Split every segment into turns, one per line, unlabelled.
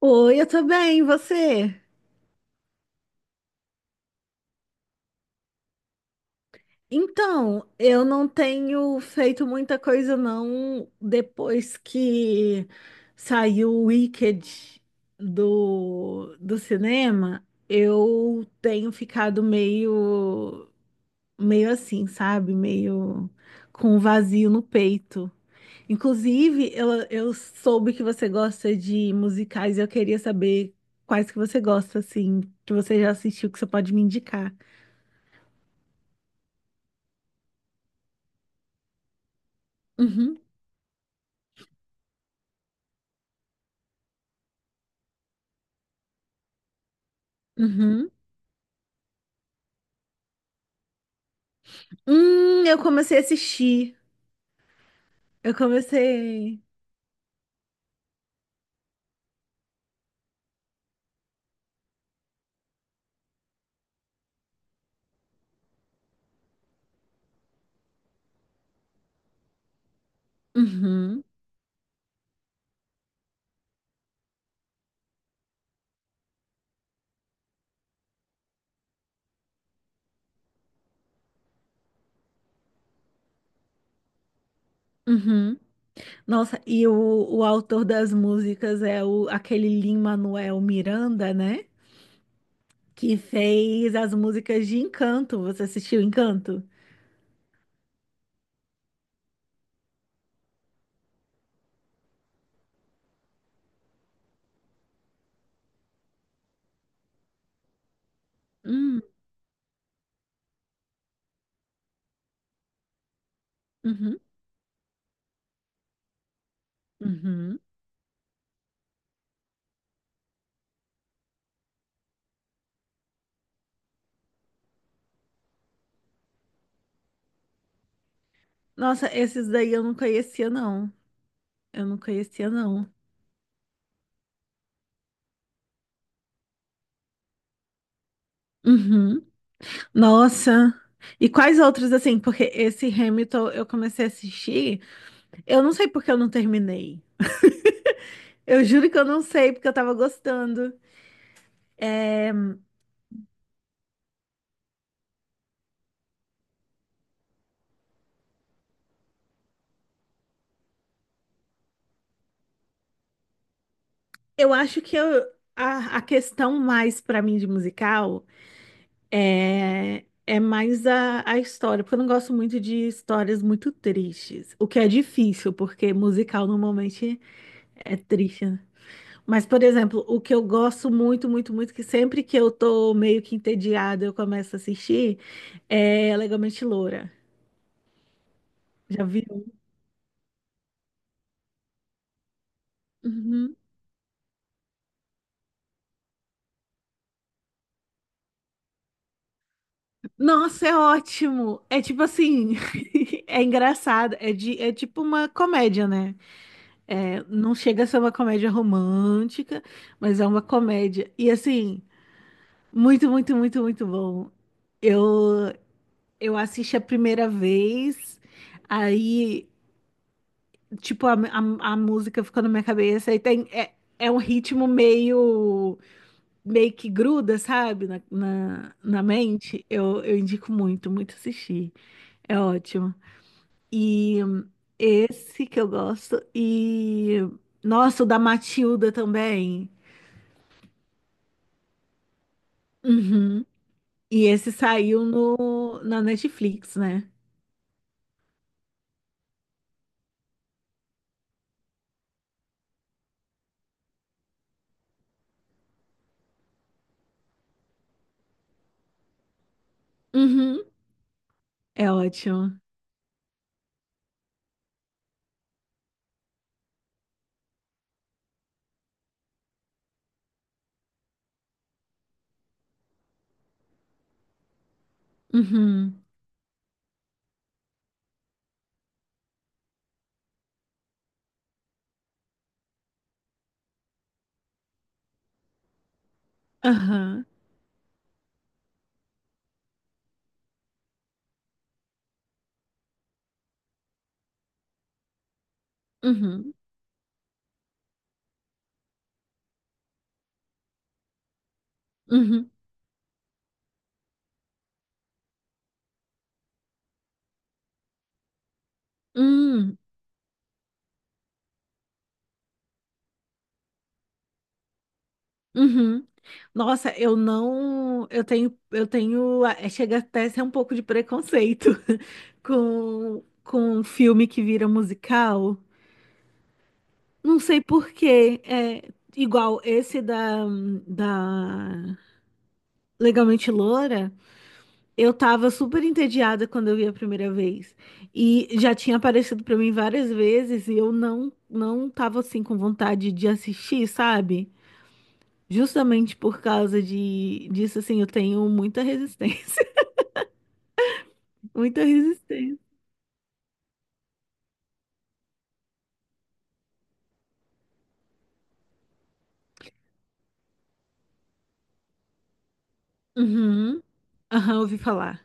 Oi, eu tô bem, e você? Então, eu não tenho feito muita coisa não depois que saiu o Wicked do cinema. Eu tenho ficado meio assim, sabe? Meio com um vazio no peito. Inclusive, eu soube que você gosta de musicais e eu queria saber quais que você gosta, assim, que você já assistiu, que você pode me indicar. Uhum. Uhum. Eu comecei a assistir. Eu comecei. Uhum. Uhum. Nossa, e o autor das músicas é o, aquele Lin-Manuel Miranda, né? Que fez as músicas de Encanto. Você assistiu Encanto? Hum, uhum, uhum. Nossa, esses daí eu não conhecia, não. Eu não conhecia, não. Uhum. Nossa. E quais outros, assim? Porque esse Hamilton eu comecei a assistir. Eu não sei porque eu não terminei. Eu juro que eu não sei, porque eu tava gostando. Eu acho que a questão mais pra mim de musical é mais a história, porque eu não gosto muito de histórias muito tristes, o que é difícil, porque musical normalmente é triste, né? Mas, por exemplo, o que eu gosto muito, muito, muito, que sempre que eu tô meio que entediada, eu começo a assistir, é Legalmente Loura. Já viu? Uhum. Nossa, é ótimo. É tipo assim, é engraçado. É tipo uma comédia, né? É, não chega a ser uma comédia romântica, mas é uma comédia. E assim, muito, muito, muito, muito bom. Eu, eu assisti a primeira vez, aí, tipo, a música ficou na minha cabeça. Aí tem, é um ritmo meio, meio que gruda, sabe? Na, na mente. Eu indico muito, muito assistir. É ótimo. E esse que eu gosto. E nossa, o da Matilda também. Uhum. E esse saiu no, na Netflix, né? Uhum. É ótimo. Uhum. Aham. Uhum. Uhum. Uhum. Uhum. Nossa, eu não. Eu tenho. Eu tenho. Chega até a ser um pouco de preconceito com um filme que vira musical. Não sei por quê. É igual esse da Legalmente Loura. Eu tava super entediada quando eu vi a primeira vez. E já tinha aparecido pra mim várias vezes e eu não tava assim com vontade de assistir, sabe? Justamente por causa de disso assim, eu tenho muita resistência. Muita resistência. Uhum. Aham, ouvi falar.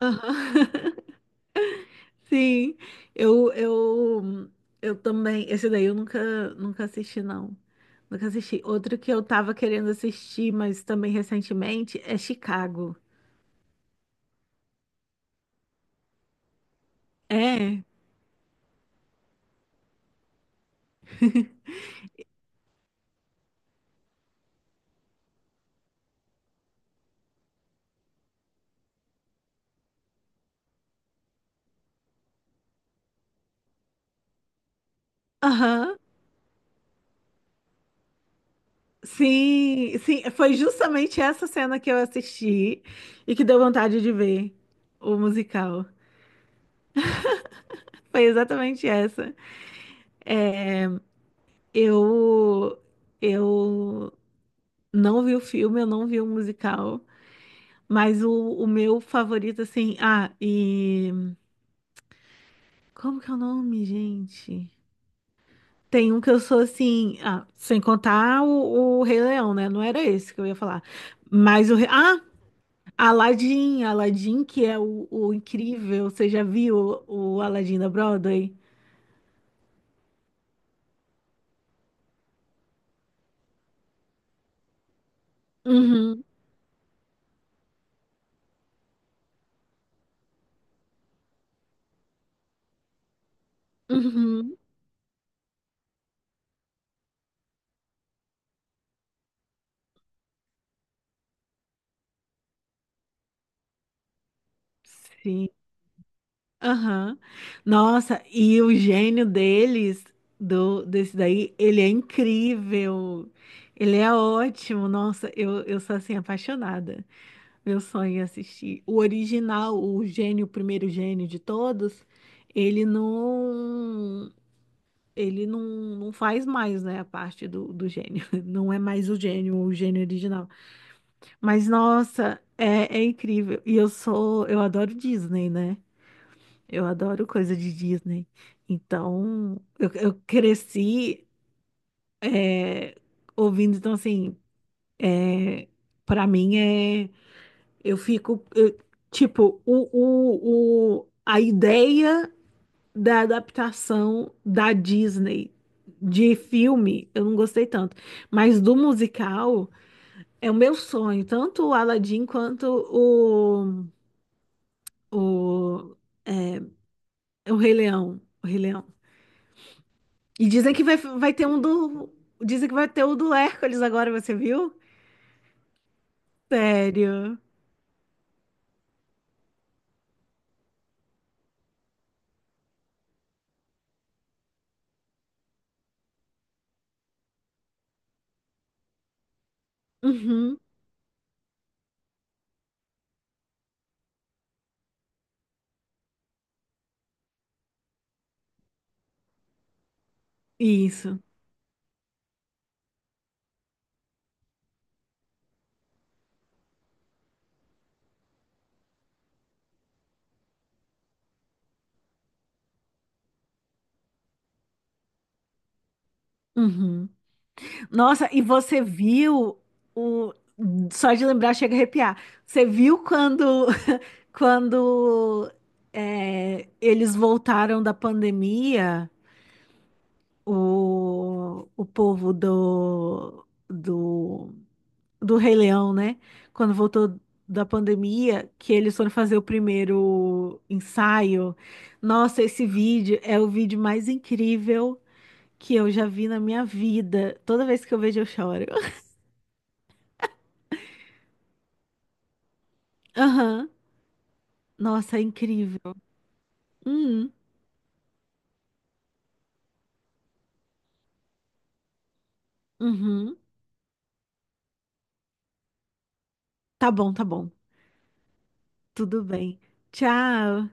Aham. Sim, eu, eu, eu também. Esse daí eu nunca, nunca assisti, não. Nunca assisti. Outro que eu tava querendo assistir, mas também recentemente, é Chicago. É. Aham. Sim, sim. Foi justamente essa cena que eu assisti e que deu vontade de ver o musical. Foi exatamente essa. É, Eu, eu não vi o filme, eu não vi o musical. Mas o meu favorito, assim. Ah, e. Como que é o nome, gente? Tem um que eu sou assim. Ah, sem contar o Rei Leão, né? Não era esse que eu ia falar. Mas o. Ah! Aladdin, Aladdin, que é o incrível. Você já viu o Aladdin da Broadway? Uhum, uhum. Sim. Aham. Nossa, e o gênio deles, desse daí, ele é incrível. Ele é ótimo. Nossa, eu sou assim apaixonada. Meu sonho é assistir. O original, o gênio, o primeiro gênio de todos, ele não, ele não faz mais, né, a parte do gênio. Não é mais o gênio original. Mas, nossa, é incrível. E eu sou, eu adoro Disney, né? Eu adoro coisa de Disney. Então, eu cresci é, ouvindo, então assim, é, para mim é, eu fico, tipo, a ideia da adaptação da Disney de filme, eu não gostei tanto, mas do musical é o meu sonho, tanto o Aladdin quanto o, o, o Rei Leão, o Rei Leão. E dizem que vai, vai ter um do. Dizem que vai ter o do Hércules agora, você viu? Sério. Uhum. Isso. Uhum. Nossa, e você viu o. Só de lembrar chega a arrepiar. Você viu quando, quando eles voltaram da pandemia, o povo do do Rei Leão, né? Quando voltou da pandemia, que eles foram fazer o primeiro ensaio. Nossa, esse vídeo é o vídeo mais incrível que eu já vi na minha vida. Toda vez que eu vejo, eu choro. Aham. Nossa, é incrível. Hum, uhum. Tá bom, tá bom. Tudo bem. Tchau.